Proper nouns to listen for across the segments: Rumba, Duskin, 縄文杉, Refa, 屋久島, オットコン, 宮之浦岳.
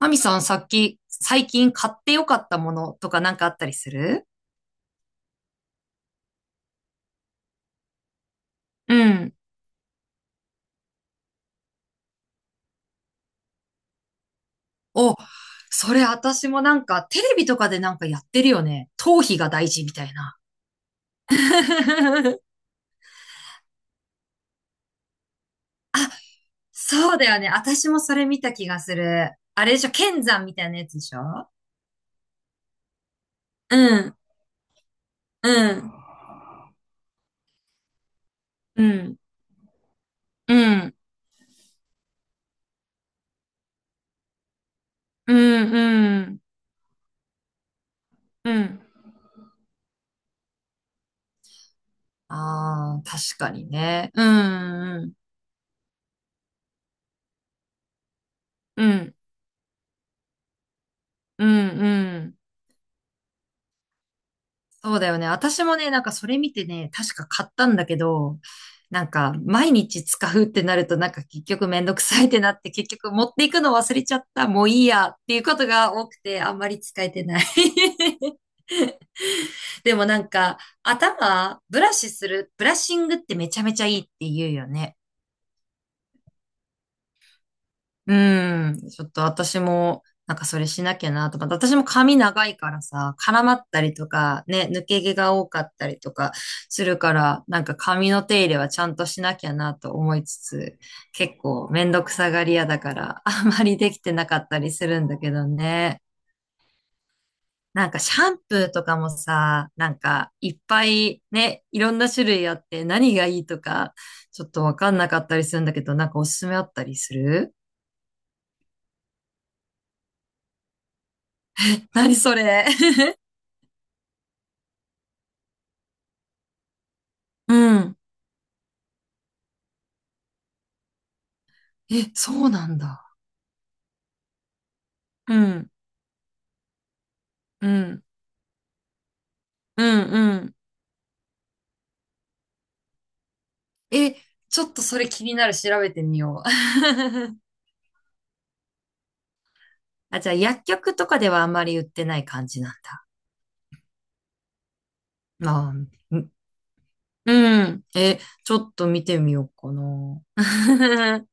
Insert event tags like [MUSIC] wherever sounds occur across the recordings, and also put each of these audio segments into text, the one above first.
マミさん、さっき、最近買ってよかったものとかあったりする？うん。お、それ私も、テレビとかでやってるよね。頭皮が大事みたいな。[LAUGHS] そうだよね。私もそれ見た気がする。あれでしょ、剣山みたいなやつでしょ？うん、うん、うん、うん、うん、うん、うん。ああ、確かにね。うん、うん、うん、うん、うん。そうだよね。私もね、なんかそれ見てね、確か買ったんだけど、なんか毎日使うってなると結局めんどくさいってなって、結局持っていくの忘れちゃった、もういいやっていうことが多くて、あんまり使えてない。 [LAUGHS] でもなんか、頭ブラシする、ブラッシングってめちゃめちゃいいって言うよね。うん。ちょっと私も、なんかそれしなきゃなとか。私も髪長いからさ、絡まったりとか、ね、抜け毛が多かったりとかするから、なんか髪の手入れはちゃんとしなきゃなと思いつつ、結構めんどくさがり屋だから、あんまりできてなかったりするんだけどね。なんかシャンプーとかもさ、なんかいっぱいね、いろんな種類あって何がいいとか、ちょっとわかんなかったりするんだけど、なんかおすすめあったりする？何それ？ [LAUGHS] うん、え、そうなんだ。うん、うん、うん、うん。え、ちょっとそれ気になる。調べてみよう。[LAUGHS] あ、じゃあ薬局とかではあんまり売ってない感じなんだ。まあ、うん、うん。え、ちょっと見てみようかな。[LAUGHS]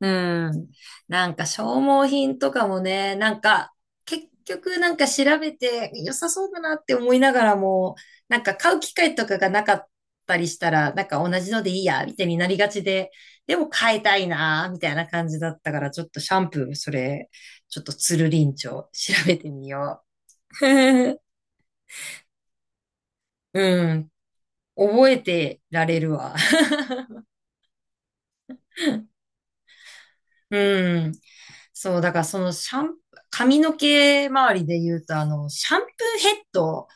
うん。なんか消耗品とかもね、なんか結局なんか調べて良さそうだなって思いながらも、なんか買う機会とかがなかったりしたら、なんか同じのでいいや、みたいになりがちで。でも買いたいな、みたいな感じだったから、ちょっとシャンプー、それ、ちょっとつるりんちょ、調べてみよう。[LAUGHS] うん。覚えてられるわ。[LAUGHS] うん。そう、だからそのシャン、髪の毛周りで言うと、あの、シャンプーヘッド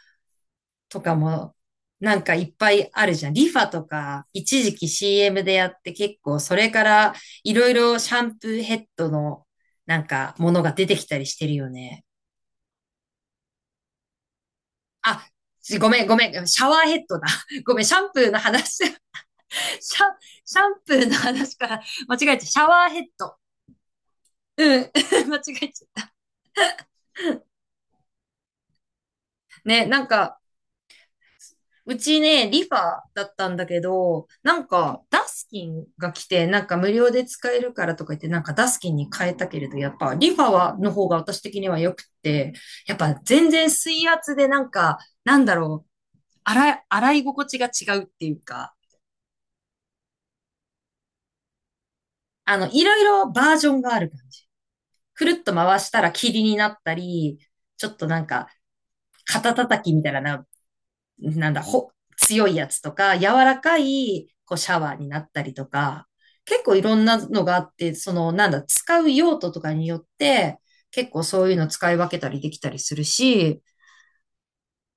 とかも、なんかいっぱいあるじゃん。リファとか、一時期 CM でやって結構、それからいろいろシャンプーヘッドの、なんか、ものが出てきたりしてるよね。あ、ごめん、ごめん、シャワーヘッドだ。[LAUGHS] ごめん、シャンプーの話、[LAUGHS] シャンプーの話から間違えて、シャワーヘッド。うん、[LAUGHS] 間違えちゃった。ね、なんか、うちね、リファだったんだけど、なんか、ダスキンが来て、なんか無料で使えるからとか言って、なんかダスキンに変えたけれど、やっぱリファは、の方が私的には良くって、やっぱ全然水圧でなんか、なんだろう、洗い心地が違うっていうか、あの、いろいろバージョンがある感じ。くるっと回したら霧になったり、ちょっとなんか、肩叩きみたいな、なんだ、ほ、強いやつとか、柔らかい、こう、シャワーになったりとか、結構いろんなのがあって、その、なんだ、使う用途とかによって、結構そういうの使い分けたりできたりするし、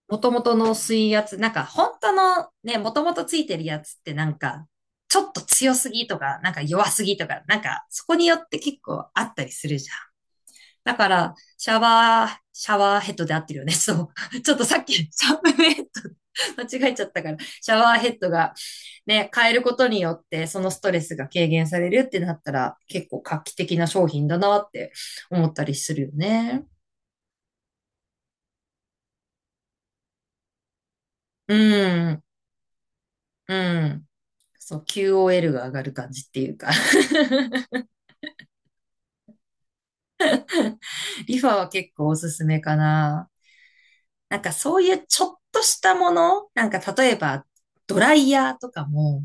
元々の水圧、なんか本当のね、元々ついてるやつってなんか、ちょっと強すぎとか、なんか弱すぎとか、なんかそこによって結構あったりするじゃん。だから、シャワーヘッドで合ってるよね。[LAUGHS] そう。[LAUGHS] ちょっとさっき、[LAUGHS] シャンプーヘッド [LAUGHS] 間違えちゃったから、シャワーヘッドがね、変えることによって、そのストレスが軽減されるってなったら、結構画期的な商品だなって思ったりするよね。うん、うん。そう、QOL が上がる感じっていうか。 [LAUGHS] リファは結構おすすめかな。なんかそういうちょっとしたもの、なんか例えば、ドライヤーとかも。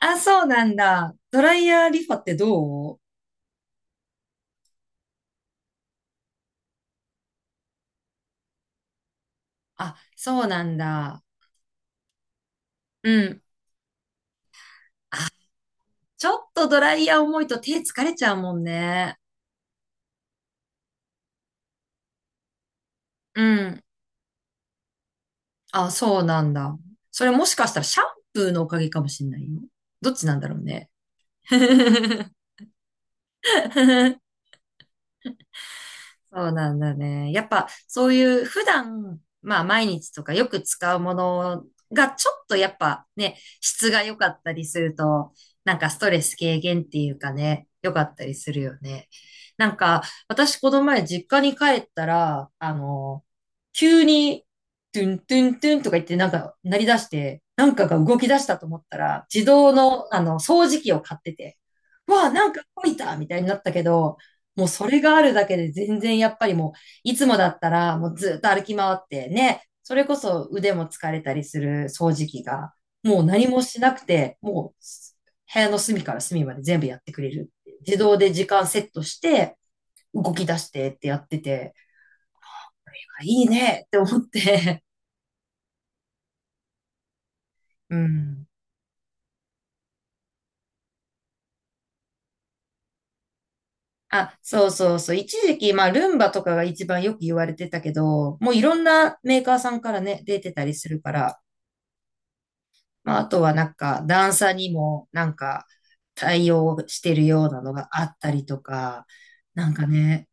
あ、そうなんだ。ドライヤーリファってどう？あ、そうなんだ。うん。ちょっとドライヤー重いと手疲れちゃうもんね。うん。あ、そうなんだ。それ、もしかしたらシャンプーのおかげかもしんないよ。どっちなんだろうね。[LAUGHS] そうなんだね。やっぱそういう普段、まあ毎日とかよく使うものがちょっとやっぱね、質が良かったりすると、なんかストレス軽減っていうかね、良かったりするよね。なんか私、この前実家に帰ったら、あの、急にトゥントゥントゥンとか言って、なんか鳴り出して、なんかが動き出したと思ったら、自動のあの掃除機を買ってて、わあ、なんか動いたみたいになったけど、もうそれがあるだけで全然やっぱりもう、いつもだったらもうずっと歩き回ってね、それこそ腕も疲れたりする掃除機が、もう何もしなくて、もう部屋の隅から隅まで全部やってくれる。自動で時間セットして、動き出してってやってて、いいねって思って。[LAUGHS] うん。あ、そうそうそう。一時期、まあ、ルンバとかが一番よく言われてたけど、もういろんなメーカーさんからね、出てたりするから。まあ、あとはなんか段差にもなんか対応してるようなのがあったりとか、なんかね、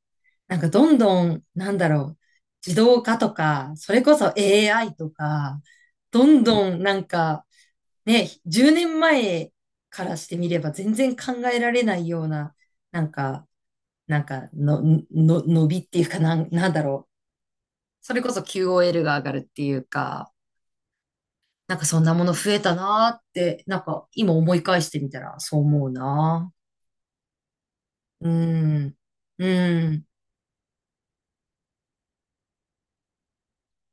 なんかどんどん、なんだろう、自動化とか、それこそ AI とか、どんどんなんかね、10年前からしてみれば全然考えられないような、なんか、なんかの伸びっていうか、なんだろう。それこそ QOL が上がるっていうか、なんかそんなもの増えたなーって、なんか今思い返してみたらそう思うな。うん。うん。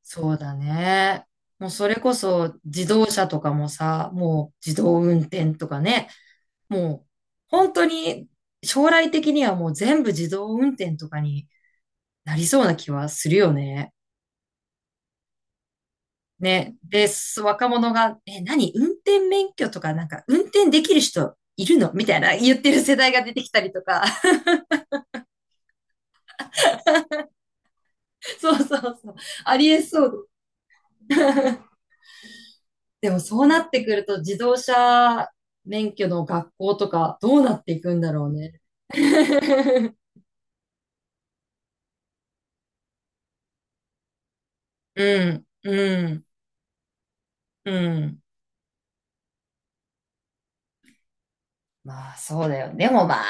そうだね。もうそれこそ自動車とかもさ、もう自動運転とかね、もう本当に、将来的にはもう全部自動運転とかになりそうな気はするよね。ね。で、若者が、え、何、運転免許とか、なんか運転できる人いるの、みたいな言ってる世代が出てきたりとか。[LAUGHS] そうそうそう。ありえそう。 [LAUGHS] でもそうなってくると、自動車免許の学校とかどうなっていくんだろうね。[LAUGHS] うん、うん、うん。まあそうだよ。でもまあ、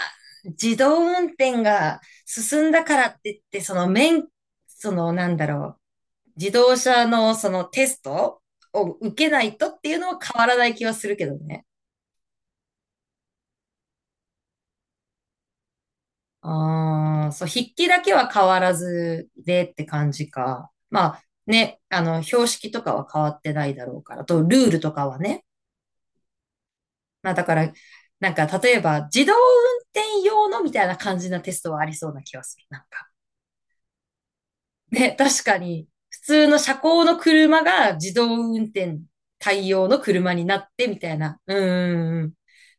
自動運転が進んだからって言って、その免、そのなんだろう、自動車のそのテストを受けないとっていうのは変わらない気はするけどね。ああ、そう、筆記だけは変わらずでって感じか。まあね、あの、標識とかは変わってないだろうから、と、ルールとかはね。まあだから、なんか、例えば、自動運転用のみたいな感じなテストはありそうな気がする。なんか。ね、確かに、普通の車高の車が自動運転対応の車になってみたいな。うーん。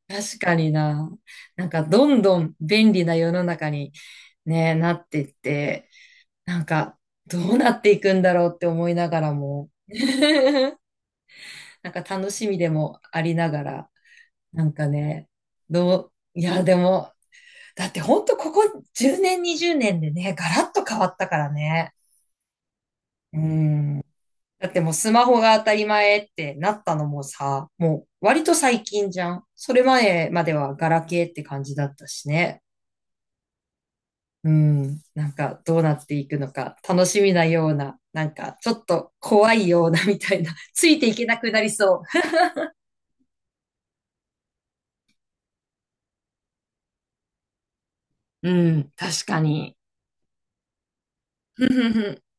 確かにな。なんか、どんどん便利な世の中に、ね、なってって、なんか、どうなっていくんだろうって思いながらも、[LAUGHS] なんか楽しみでもありながら、なんかね、どう、いや、でも、だってほんとここ10年、20年でね、ガラッと変わったからね。うん。だってもうスマホが当たり前ってなったのもさ、もう割と最近じゃん。それ前まではガラケーって感じだったしね。うん、なんかどうなっていくのか、楽しみなような、なんかちょっと怖いようなみたいな、[LAUGHS] ついていけなくなりそう。うん、確かに。[LAUGHS]